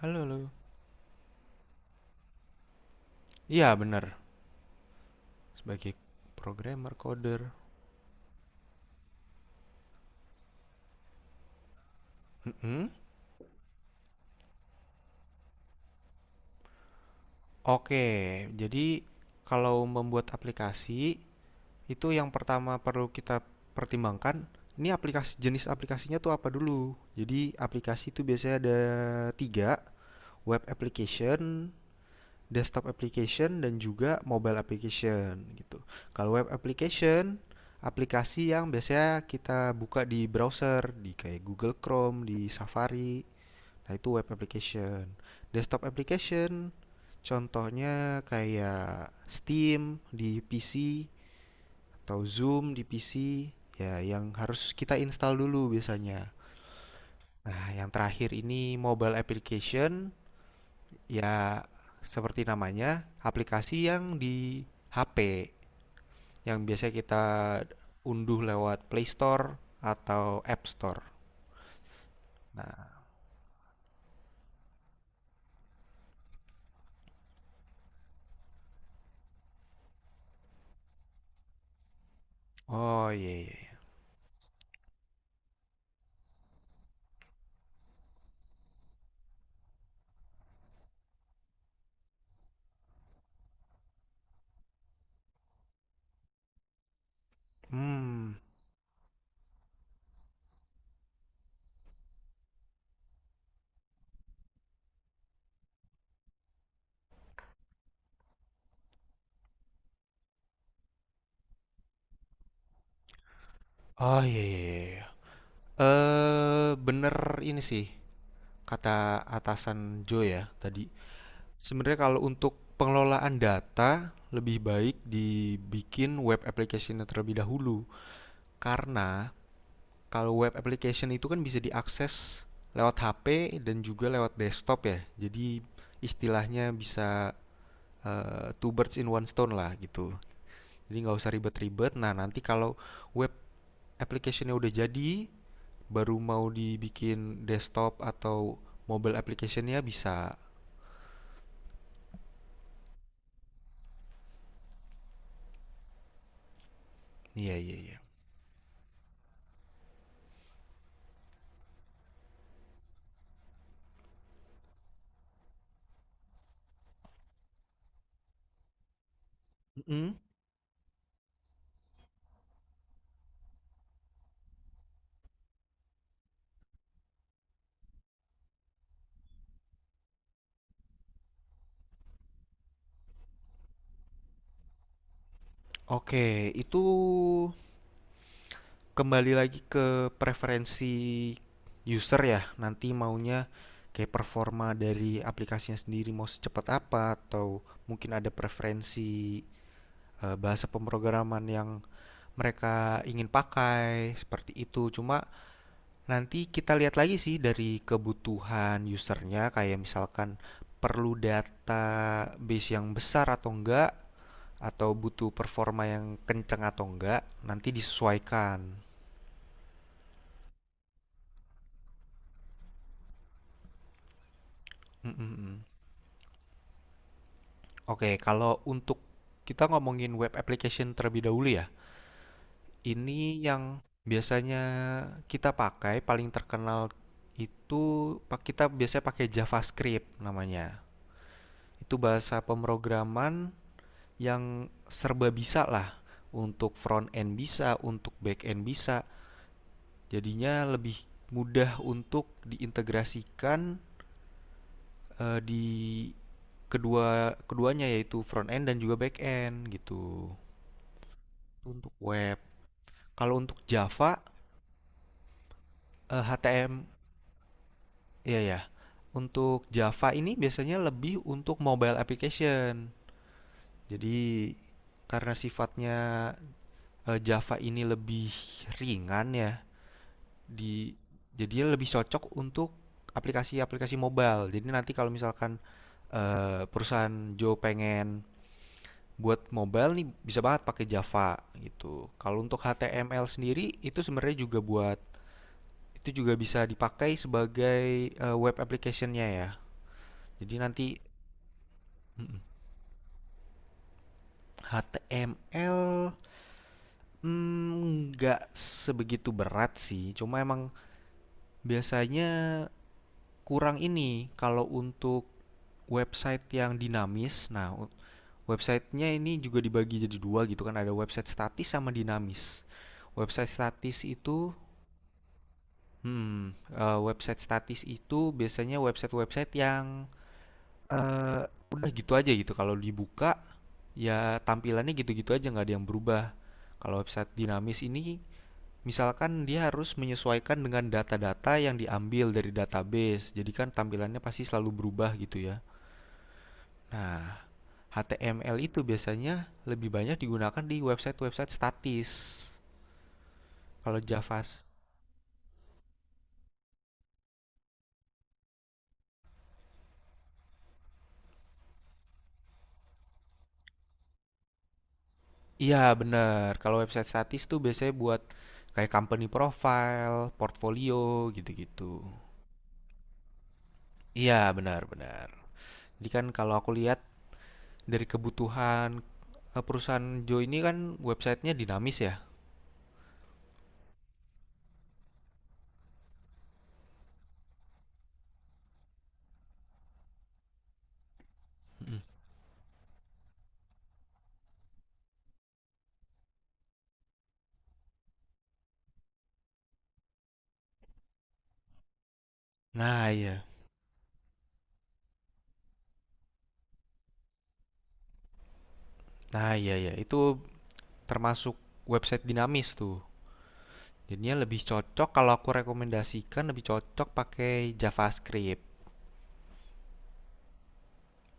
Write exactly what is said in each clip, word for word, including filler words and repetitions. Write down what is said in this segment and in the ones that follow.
Halo, halo. Iya, benar. Sebagai programmer, coder. Mm-mm. Oke, jadi kalau membuat aplikasi, itu yang pertama perlu kita pertimbangkan, ini aplikasi jenis aplikasinya tuh apa dulu. Jadi aplikasi itu biasanya ada tiga, web application, desktop application, dan juga mobile application gitu. Kalau web application, aplikasi yang biasanya kita buka di browser, di kayak Google Chrome, di Safari. Nah, itu web application. Desktop application contohnya kayak Steam di P C atau Zoom di P C, ya yang harus kita install dulu biasanya. Nah, yang terakhir ini mobile application, ya seperti namanya, aplikasi yang di H P yang biasa kita unduh lewat Play Store atau App Store. Nah, oh, iya, iya. Iya. Yeah. Hmm. Oh, iya, iya. Iya. Yeah. Eee, bener ini sih, kata atasan Joe ya tadi. Sebenarnya kalau untuk pengelolaan data, lebih baik dibikin web application-nya terlebih dahulu. Karena kalau web application itu kan bisa diakses lewat H P dan juga lewat desktop ya. Jadi istilahnya bisa, eee, two birds in one stone lah gitu. Jadi nggak usah ribet-ribet. Nah, nanti kalau web application-nya udah jadi, baru mau dibikin desktop atau mobile application-nya bisa. Iya, iya, iya. Mm-mm. Oke, itu kembali lagi ke preferensi user ya. Nanti maunya kayak performa dari aplikasinya sendiri mau secepat apa, atau mungkin ada preferensi eh, bahasa pemrograman yang mereka ingin pakai seperti itu. Cuma, nanti kita lihat lagi sih dari kebutuhan usernya, kayak misalkan perlu database yang besar atau enggak, atau butuh performa yang kenceng atau enggak, nanti disesuaikan. Mm, mm, mm. Oke, kalau untuk kita ngomongin web application terlebih dahulu ya, ini yang biasanya kita pakai paling terkenal itu kita biasanya pakai JavaScript namanya. Itu bahasa pemrograman yang serba bisa lah, untuk front end bisa, untuk back end bisa. Jadinya lebih mudah untuk diintegrasikan eh, di kedua keduanya, yaitu front end dan juga back end gitu. Untuk web. Kalau untuk Java eh, H T M. Iya, ya. Ya. Untuk Java ini biasanya lebih untuk mobile application. Jadi karena sifatnya eh, Java ini lebih ringan ya, di jadinya lebih cocok untuk aplikasi-aplikasi mobile. Jadi nanti kalau misalkan eh, perusahaan Joe pengen buat mobile nih, bisa banget pakai Java gitu. Kalau untuk H T M L sendiri itu sebenarnya juga buat itu juga bisa dipakai sebagai eh, web application-nya ya. Jadi nanti mm, H T M L mm, nggak mm, sebegitu berat sih. Cuma emang biasanya kurang ini kalau untuk website yang dinamis. Nah, websitenya ini juga dibagi jadi dua gitu kan. Ada website statis sama dinamis. Website statis itu, hmm, eh, website statis itu biasanya website-website yang eh, udah gitu aja gitu. Kalau dibuka ya tampilannya gitu-gitu aja, nggak ada yang berubah. Kalau website dinamis ini, misalkan dia harus menyesuaikan dengan data-data yang diambil dari database. Jadi kan tampilannya pasti selalu berubah gitu ya. Nah, H T M L itu biasanya lebih banyak digunakan di website-website statis. Kalau Java. Iya, bener. Kalau website statis tuh biasanya buat kayak company profile, portfolio, gitu-gitu. Iya, benar-benar. Jadi kan kalau aku lihat dari kebutuhan eh, perusahaan Joe ini kan websitenya dinamis ya. Mm. Nah, iya, nah iya ya, itu termasuk website dinamis tuh. Jadinya lebih cocok, kalau aku rekomendasikan, lebih cocok pakai JavaScript.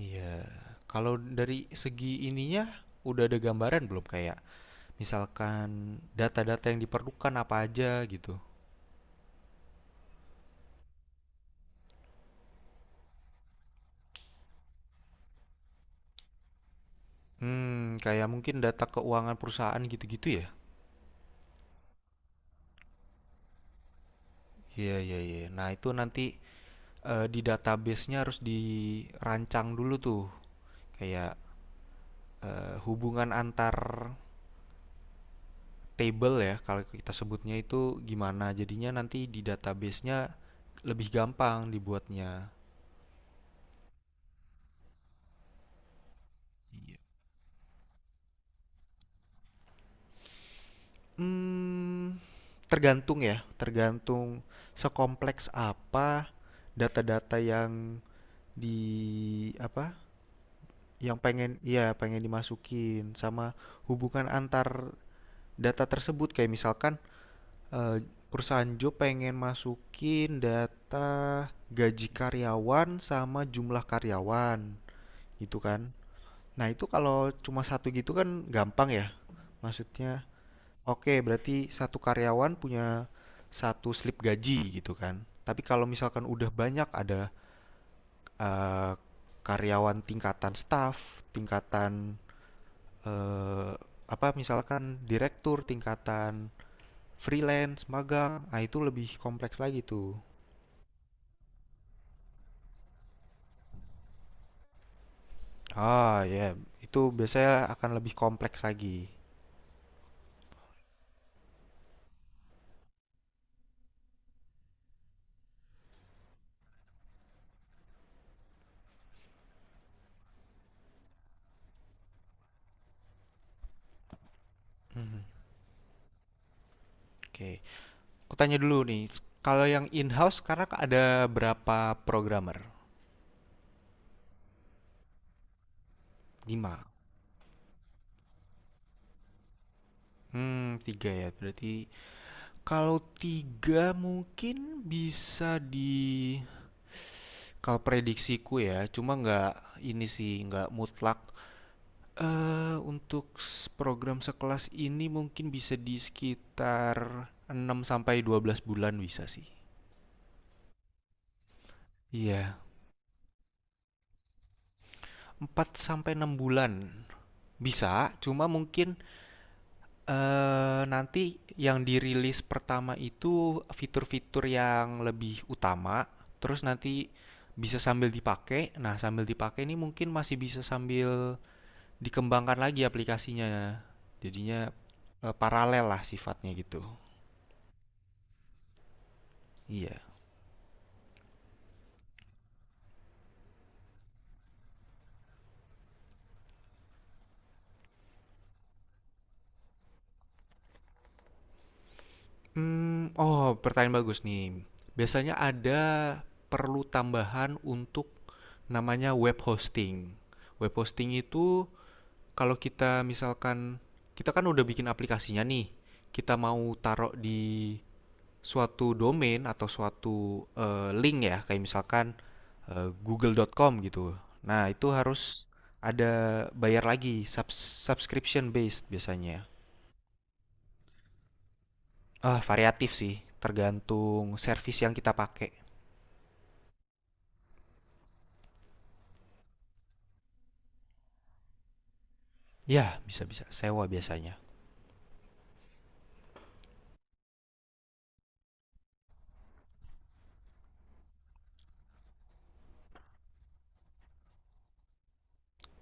Iya, kalau dari segi ininya udah ada gambaran belum, kayak misalkan data-data yang diperlukan apa aja gitu. Hmm, kayak mungkin data keuangan perusahaan gitu-gitu ya? Iya, iya, iya. Nah, itu nanti eh, di database-nya harus dirancang dulu tuh. Kayak eh, hubungan antar table ya, kalau kita sebutnya itu gimana. Jadinya nanti di database-nya lebih gampang dibuatnya. Mmm, tergantung ya, tergantung sekompleks apa data-data yang di apa, yang pengen ya, pengen dimasukin, sama hubungan antar data tersebut. Kayak misalkan, eee, perusahaan job pengen masukin data gaji karyawan sama jumlah karyawan, gitu kan. Nah, itu kalau cuma satu gitu kan gampang ya, maksudnya. Oke, berarti satu karyawan punya satu slip gaji gitu kan. Tapi kalau misalkan udah banyak, ada eh, karyawan tingkatan staff, tingkatan eh, apa misalkan direktur, tingkatan freelance, magang, ah itu lebih kompleks lagi tuh. Ah ya, itu biasanya akan lebih kompleks lagi. Hmm, oke. Aku tanya dulu nih, kalau yang in-house sekarang ada berapa programmer? Lima? Hmm, tiga ya. Berarti. Kalau tiga mungkin bisa di kalau prediksiku ya, cuma nggak ini sih, nggak mutlak. Eh untuk program sekelas ini mungkin bisa di sekitar enam sampai dua belas bulan bisa sih. Iya, yeah. Empat sampai enam bulan bisa, cuma mungkin. Eee, nanti yang dirilis pertama itu fitur-fitur yang lebih utama, terus nanti bisa sambil dipakai. Nah, sambil dipakai ini mungkin masih bisa sambil dikembangkan lagi aplikasinya. Jadinya, eee, paralel lah sifatnya gitu. Iya. Mmm, oh, pertanyaan bagus nih. Biasanya ada perlu tambahan untuk namanya web hosting. Web hosting itu. Kalau kita misalkan kita kan udah bikin aplikasinya nih, kita mau taruh di suatu domain atau suatu eh, link ya, kayak misalkan eh, google titik com gitu. Nah, itu harus ada bayar lagi, subs- subscription based biasanya. Ah, uh, variatif sih, tergantung service yang kita pakai. Ya, bisa-bisa sewa biasanya.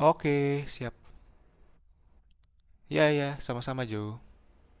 Oke, siap. Ya, ya, sama-sama, Jo.